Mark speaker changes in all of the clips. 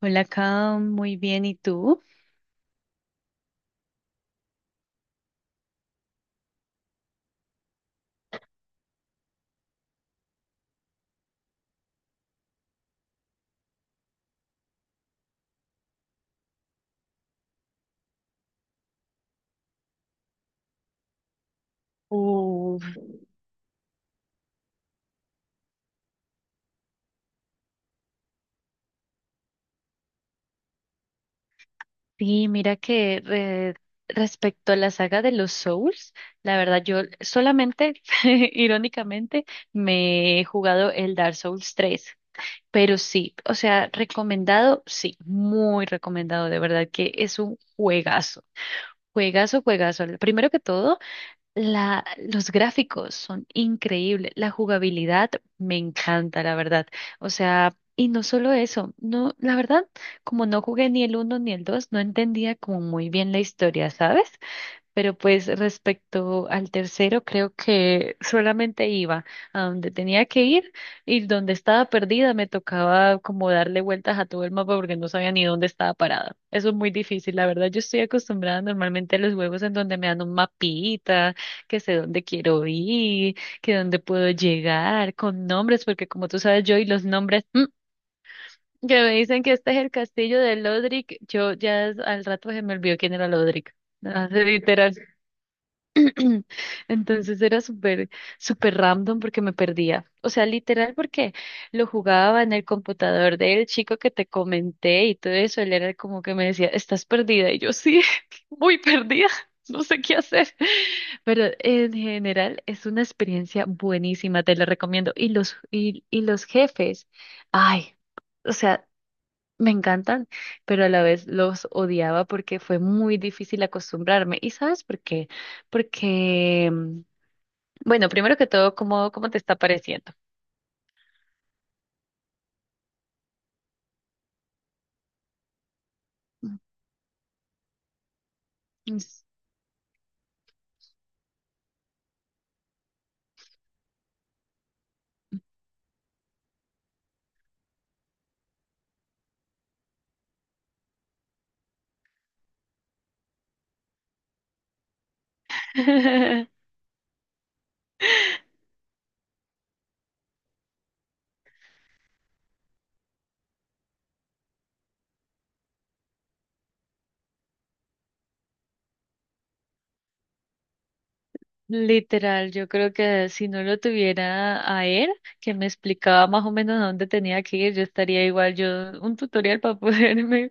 Speaker 1: Hola, Cam, muy bien. ¿Y tú? Uf, Sí, respecto a la saga de los Souls, la verdad yo solamente, irónicamente, me he jugado el Dark Souls 3, pero sí, o sea, recomendado, sí, muy recomendado, de verdad que es un juegazo, juegazo, juegazo. Primero que todo, los gráficos son increíbles, la jugabilidad me encanta, la verdad. O sea, y no solo eso, no, la verdad, como no jugué ni el uno ni el 2 no entendía como muy bien la historia, ¿sabes? Pero pues respecto al tercero, creo que solamente iba a donde tenía que ir y donde estaba perdida me tocaba como darle vueltas a todo el mapa porque no sabía ni dónde estaba parada. Eso es muy difícil, la verdad. Yo estoy acostumbrada normalmente a los juegos en donde me dan un mapita, que sé dónde quiero ir, que dónde puedo llegar, con nombres, porque como tú sabes, yo y los nombres, que me dicen que este es el castillo de Lodric, yo ya al rato se me olvidó quién era Lodric. Ah, literal. Entonces era súper, súper random porque me perdía. O sea, literal porque lo jugaba en el computador del chico que te comenté y todo eso. Él era como que me decía, estás perdida. Y yo sí, muy perdida. No sé qué hacer. Pero en general es una experiencia buenísima, te la recomiendo. Y los jefes, ay. O sea, me encantan, pero a la vez los odiaba porque fue muy difícil acostumbrarme. ¿Y sabes por qué? Porque, mm, bueno, primero que todo, ¿ cómo te está pareciendo? Mm. Literal, yo creo que si no lo tuviera a él, que me explicaba más o menos a dónde tenía que ir, yo estaría igual, yo un tutorial para poderme,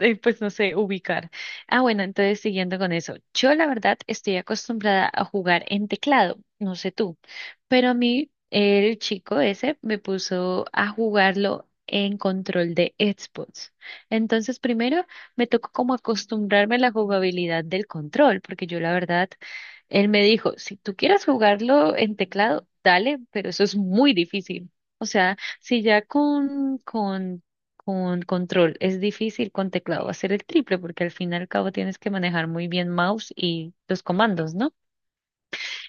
Speaker 1: pues no sé, ubicar. Ah, bueno, entonces siguiendo con eso, yo la verdad estoy acostumbrada a jugar en teclado, no sé tú, pero a mí el chico ese me puso a jugarlo en control de Xbox. Entonces primero me tocó como acostumbrarme a la jugabilidad del control, porque yo la verdad él me dijo, si tú quieres jugarlo en teclado, dale, pero eso es muy difícil. O sea, si ya con control es difícil, con teclado va a ser el triple, porque al fin y al cabo tienes que manejar muy bien mouse y los comandos, ¿no?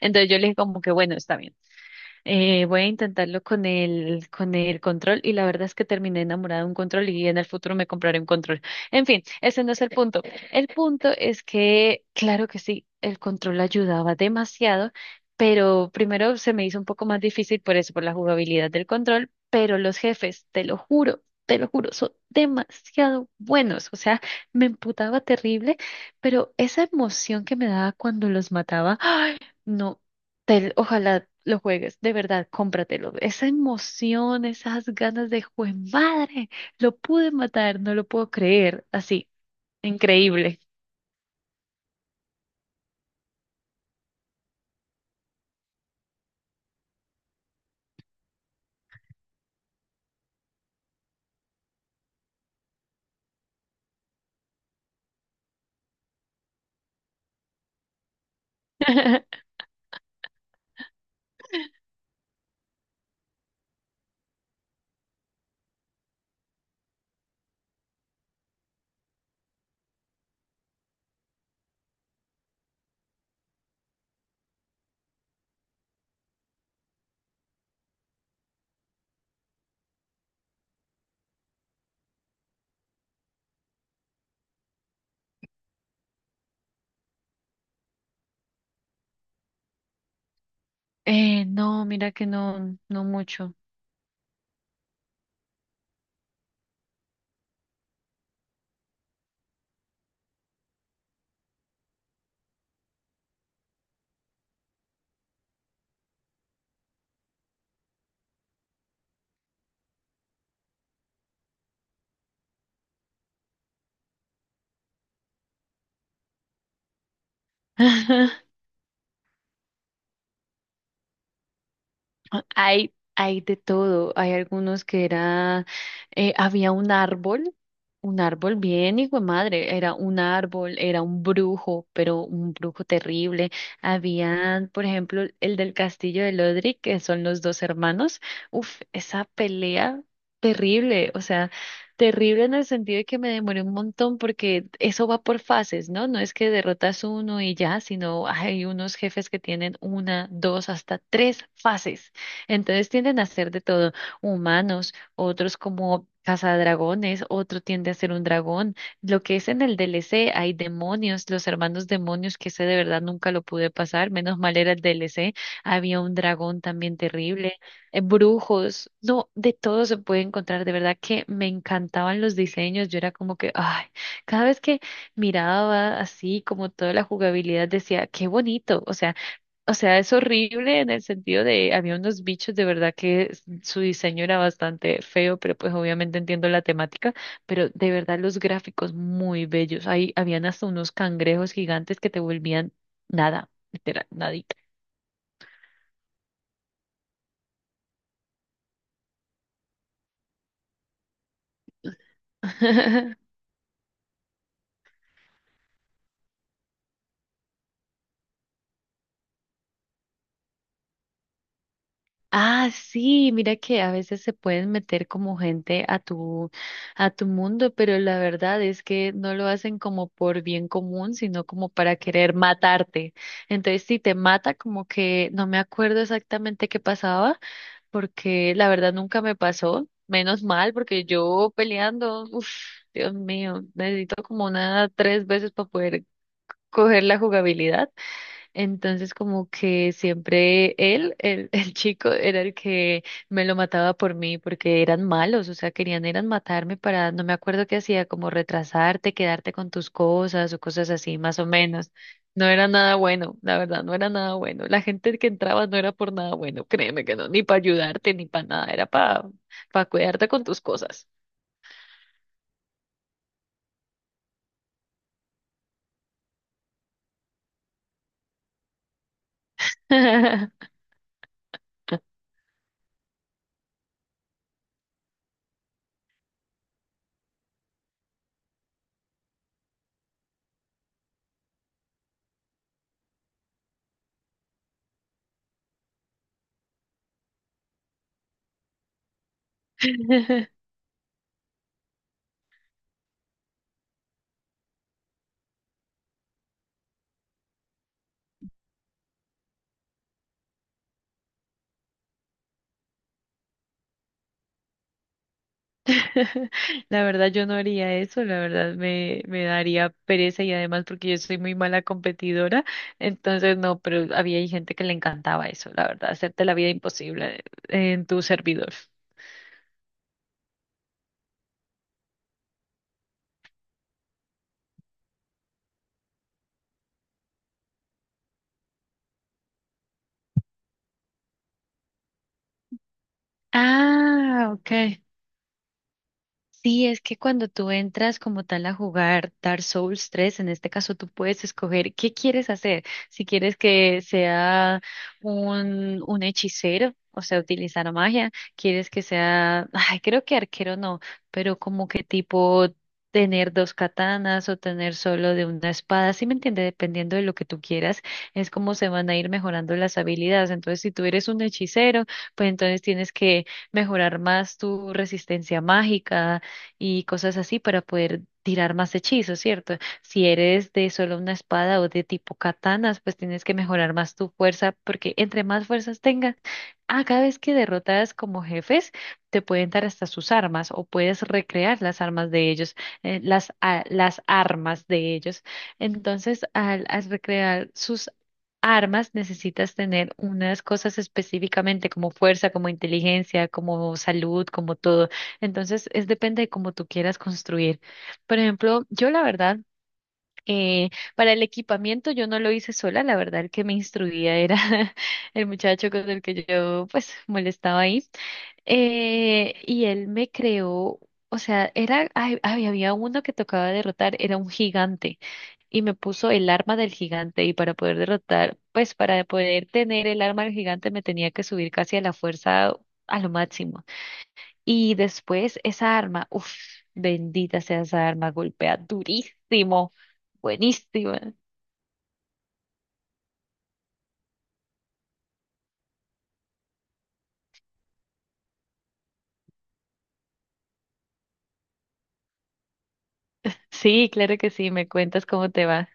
Speaker 1: Entonces yo le dije como que bueno, está bien. Voy a intentarlo con el control y la verdad es que terminé enamorada de un control y en el futuro me compraré un control. En fin, ese no es el punto. El punto es que, claro que sí, el control ayudaba demasiado, pero primero se me hizo un poco más difícil por eso, por la jugabilidad del control, pero los jefes, te lo juro. Te lo juro, son demasiado buenos. O sea, me emputaba terrible, pero esa emoción que me daba cuando los mataba no, ojalá lo juegues, de verdad, cómpratelo. Esa emoción, esas ganas de juez, madre, lo pude matar, no lo puedo creer, así, increíble. No, mira que no, no mucho. Hay de todo. Hay algunos que eran había un árbol bien hijo de madre, era un árbol, era un brujo, pero un brujo terrible. Habían, por ejemplo, el del castillo de Lodric, que son los dos hermanos. Uf, esa pelea terrible, o sea, terrible en el sentido de que me demoré un montón porque eso va por fases, ¿no? No es que derrotas uno y ya, sino hay unos jefes que tienen una, dos, hasta tres fases. Entonces tienden a ser de todo humanos otros como Cazadragones, otro tiende a ser un dragón. Lo que es en el DLC, hay demonios, los hermanos demonios, que ese de verdad nunca lo pude pasar, menos mal era el DLC, había un dragón también terrible, brujos, no, de todo se puede encontrar, de verdad que me encantaban los diseños, yo era como que, ay, cada vez que miraba así como toda la jugabilidad decía, qué bonito, o sea, es horrible en el sentido de, había unos bichos de verdad que su diseño era bastante feo, pero pues obviamente entiendo la temática, pero de verdad los gráficos muy bellos. Ahí habían hasta unos cangrejos gigantes que te volvían nada, literal, nadita. Ah, sí, mira que a veces se pueden meter como gente a a tu mundo, pero la verdad es que no lo hacen como por bien común, sino como para querer matarte. Entonces, si te mata, como que no me acuerdo exactamente qué pasaba, porque la verdad nunca me pasó. Menos mal, porque yo peleando, uff, Dios mío, necesito como una tres veces para poder coger la jugabilidad. Entonces como que siempre el chico, era el que me lo mataba por mí porque eran malos, o sea, querían eran matarme para, no me acuerdo qué hacía, como retrasarte, quedarte con tus cosas o cosas así, más o menos. No era nada bueno, la verdad, no era nada bueno. La gente que entraba no era por nada bueno, créeme que no, ni para ayudarte, ni para nada, era para cuidarte con tus cosas. La verdad yo no haría eso, la verdad me daría pereza y además porque yo soy muy mala competidora, entonces no, pero había ahí gente que le encantaba eso, la verdad, hacerte la vida imposible en tu servidor. Ah, ok. Sí, es que cuando tú entras como tal a jugar Dark Souls 3, en este caso tú puedes escoger qué quieres hacer. Si quieres que sea un hechicero, o sea, utilizar magia, quieres que sea, ay, creo que arquero no, pero como que tipo tener dos katanas o tener solo de una espada, ¿sí me entiende? Dependiendo de lo que tú quieras, es como se van a ir mejorando las habilidades. Entonces, si tú eres un hechicero, pues entonces tienes que mejorar más tu resistencia mágica y cosas así para poder tirar más hechizos, ¿cierto? Si eres de solo una espada o de tipo katanas, pues tienes que mejorar más tu fuerza, porque entre más fuerzas tengas, a cada vez que derrotas como jefes, te pueden dar hasta sus armas o puedes recrear las armas de ellos, las armas de ellos. Entonces, al recrear sus armas necesitas tener unas cosas específicamente como fuerza, como inteligencia, como salud, como todo. Entonces, es depende de cómo tú quieras construir. Por ejemplo, yo la verdad, eh, para el equipamiento yo no lo hice sola, la verdad el que me instruía era el muchacho con el que yo pues molestaba ahí. Y él me creó, o sea, era, ay, ay, había uno que tocaba derrotar, era un gigante, y me puso el arma del gigante, y para poder derrotar, pues para poder tener el arma del gigante me tenía que subir casi a la fuerza a lo máximo. Y después esa arma, uff, bendita sea esa arma, golpea durísimo, buenísima. Sí, claro que sí, me cuentas cómo te va.